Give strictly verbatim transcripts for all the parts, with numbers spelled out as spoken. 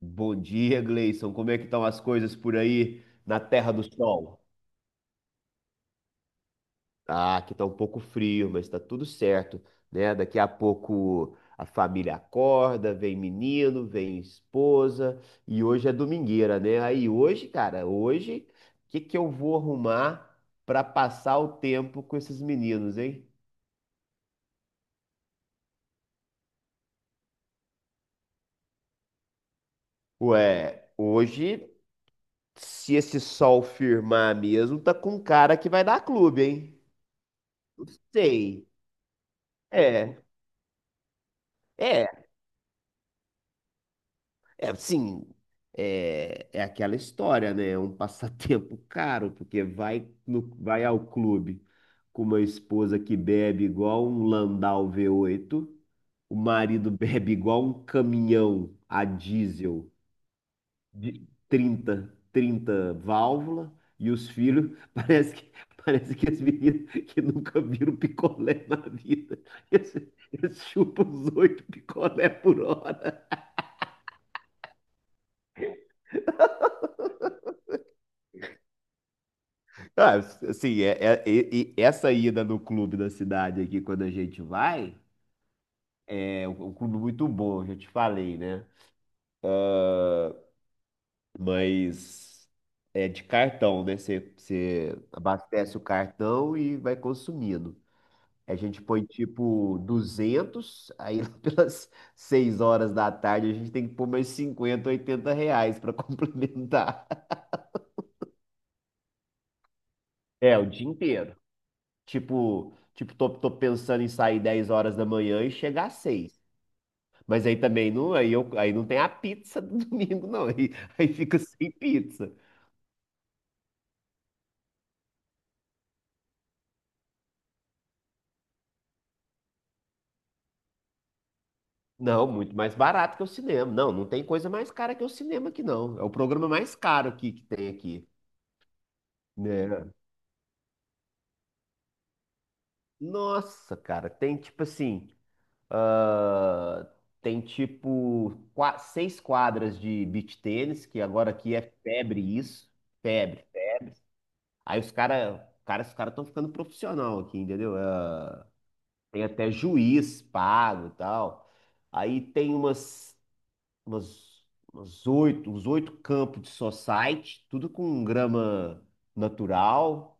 Bom dia, Gleison. Como é que estão as coisas por aí na Terra do Sol? Ah, aqui tá um pouco frio, mas tá tudo certo, né? Daqui a pouco a família acorda, vem menino, vem esposa, e hoje é domingueira, né? Aí hoje, cara, hoje, o que que eu vou arrumar pra passar o tempo com esses meninos, hein? Ué, hoje, se esse sol firmar mesmo, tá com cara que vai dar clube, hein? Não sei. É. É, É, sim, é, é aquela história, né? É um passatempo caro, porque vai, no, vai ao clube com uma esposa que bebe igual um Landau v oito, o marido bebe igual um caminhão a diesel de trinta trinta válvula, e os filhos, parece que, parece que as meninas que nunca viram picolé na vida, eles, eles chupam os oito picolé por hora. Ah, assim, é, é- e- e essa ida no clube da cidade aqui, quando a gente vai, é um um clube muito bom, já te falei, né? Mas é de cartão, né? Você você abastece o cartão e vai consumindo. A gente põe tipo duzentos aí. Pelas seis horas da tarde a gente tem que pôr mais cinquenta, oitenta reais para complementar. É, o dia inteiro. Tipo, tipo, tô, tô pensando em sair dez horas da manhã e chegar às seis. Mas aí também não, aí, eu, aí não tem a pizza do domingo, não. Aí, aí fica sem pizza. Não, muito mais barato que o cinema. Não, não tem coisa mais cara que o cinema aqui, não. É o programa mais caro aqui que tem aqui. Né? Nossa, cara, tem tipo assim, ah, tem tipo qua- seis quadras de beach tênis, que agora aqui é febre isso. Febre. Aí os caras, cara, cara- os caras estão ficando profissional aqui, entendeu? Ah, Tem até juiz pago e tal. Aí tem umas, umas, umas oito, uns oito campos de society, tudo com grama natural.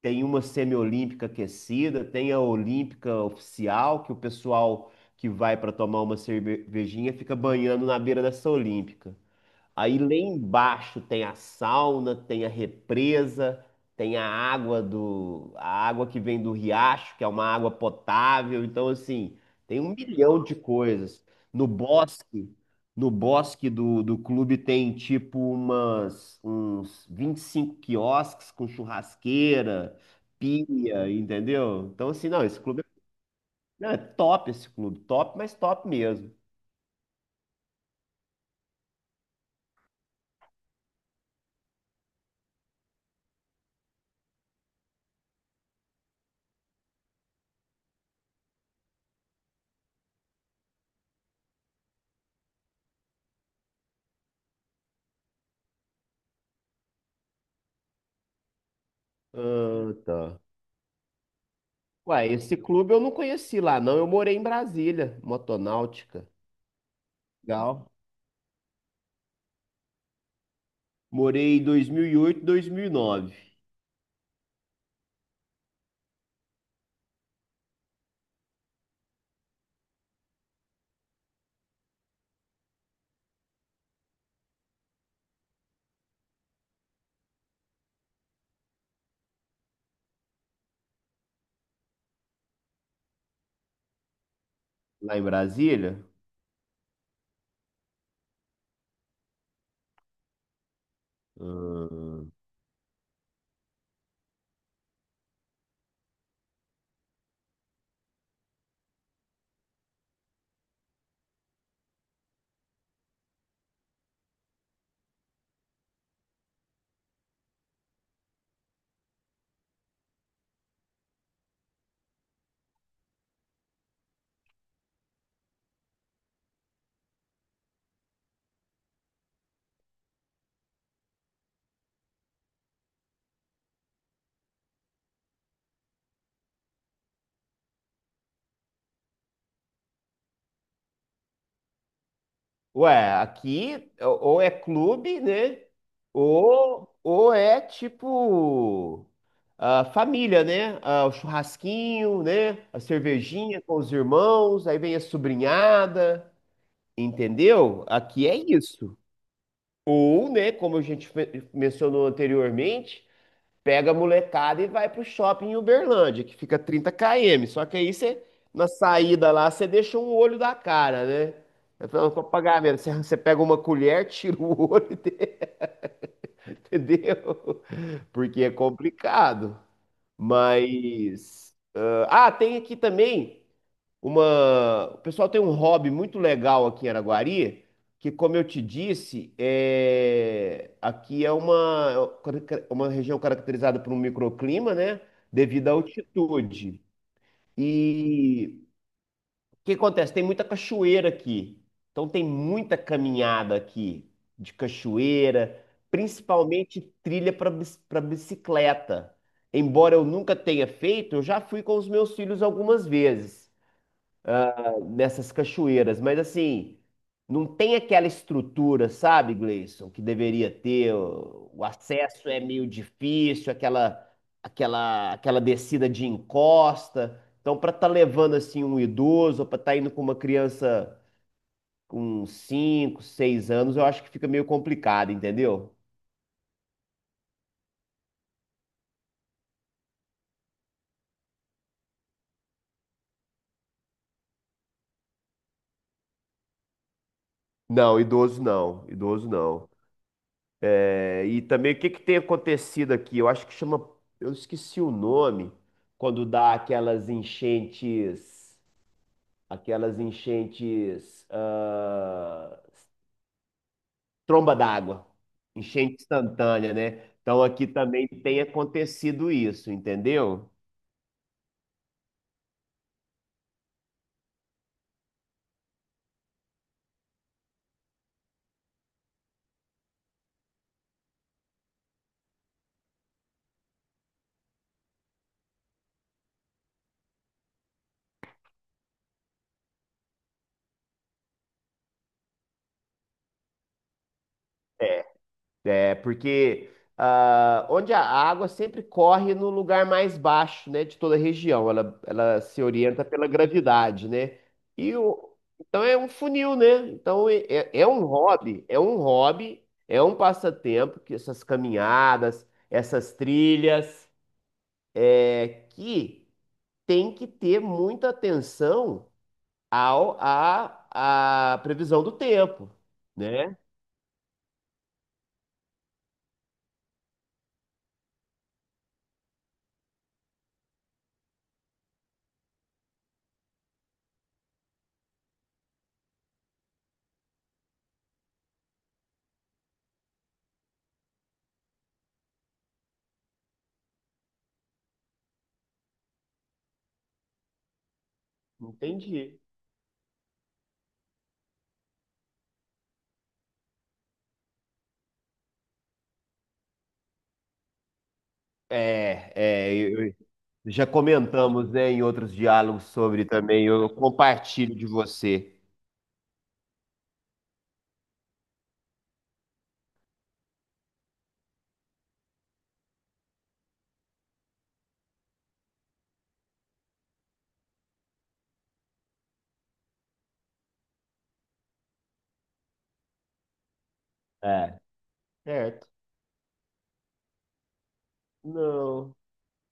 Tem uma semiolímpica aquecida, tem a olímpica oficial, que o pessoal que vai para tomar uma cervejinha fica banhando na beira dessa olímpica. Aí lá embaixo tem a sauna, tem a represa, tem a água do, a água que vem do riacho, que é uma água potável. Então, assim, tem um milhão de coisas. No bosque, no bosque do, do clube tem tipo umas, uns vinte e cinco quiosques com churrasqueira, pia, entendeu? Então, assim, não, esse clube é, não, é top esse clube, top, mas top mesmo. Ah, tá. Ué, esse clube eu não conheci lá, não. Eu morei em Brasília, Motonáutica. Legal. Morei em dois dois mil mil e oito, dois mil e nove lá em Brasília. Hum. Ué, aqui ou ou é clube, né? Ou, ou é tipo a família, né? Ah, o churrasquinho, né? A cervejinha com os irmãos, aí vem a sobrinhada, entendeu? Aqui é isso. Ou, né, como a gente fe- mencionou anteriormente, pega a molecada e vai pro shopping em Uberlândia, que fica trinta quilômetros. Só que aí você, na saída lá, você deixa um olho da cara, né? Eu falo: "Qual o pagamento?" Você você pega uma colher, tira o olho, entendeu? Porque é complicado. Mas. Ah, tem aqui também uma. O pessoal tem um hobby muito legal aqui em Araguari, que, como eu te disse, é... aqui é uma... uma região caracterizada por um microclima, né? Devido à altitude. E o que acontece? Tem muita cachoeira aqui. Então, tem muita caminhada aqui de cachoeira, principalmente trilha para bicicleta. Embora eu nunca tenha feito, eu já fui com os meus filhos algumas vezes nessas cachoeiras, mas assim, não tem aquela estrutura, sabe, Gleison, que deveria ter. O, o acesso é meio difícil, aquela, aquela, aquela descida de encosta. Então, para estar levando assim um idoso, para estar indo com uma criança com cinco, seis anos, eu acho que fica meio complicado, entendeu? Não, idoso não, idoso não. É, e também o que que tem acontecido aqui? Eu acho que chama, eu esqueci o nome, quando dá aquelas enchentes, aquelas enchentes, ah, tromba d'água, enchente instantânea, né? Então aqui também tem acontecido isso, entendeu? É, porque ah, onde a água sempre corre no lugar mais baixo, né, de toda a região, ela, ela se orienta pela gravidade, né? E o, então é um funil, né? Então é, é é um hobby, é um hobby, é um passatempo, que essas caminhadas, essas trilhas, é, que tem que ter muita atenção ao à à previsão do tempo, né? Entendi. É, é, eu, Já comentamos, né, em outros diálogos sobre também. Eu compartilho de você. É. Certo. Não,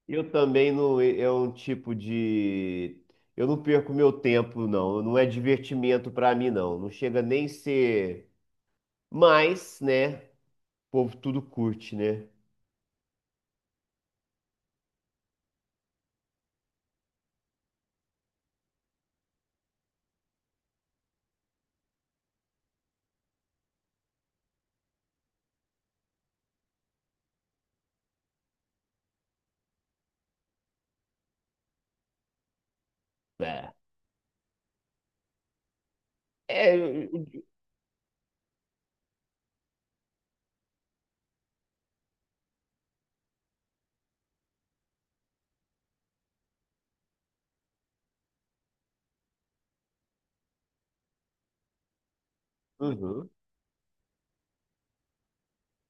eu também não, é um tipo de, eu não perco meu tempo, não, não é divertimento pra mim, não, não chega nem ser, mas, né, o povo tudo curte, né? É. É, uhum.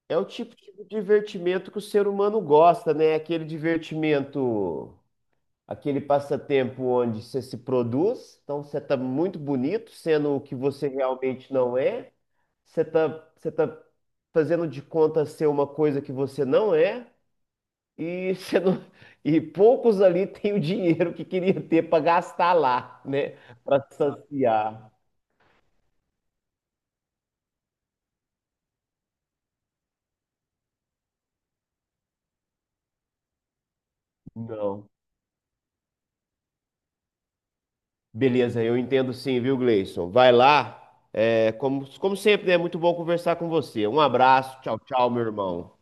É o tipo de divertimento que o ser humano gosta, né? Aquele divertimento, aquele passatempo onde você se produz, então você está muito bonito, sendo o que você realmente não é, você está você tá fazendo de conta ser uma coisa que você não é, e, você não- e poucos ali têm o dinheiro que queria ter para gastar lá, né? Para saciar. Não. Beleza, eu entendo, sim, viu, Gleison? Vai lá. É, como, como sempre, né? É muito bom conversar com você. Um abraço, tchau, tchau, meu irmão.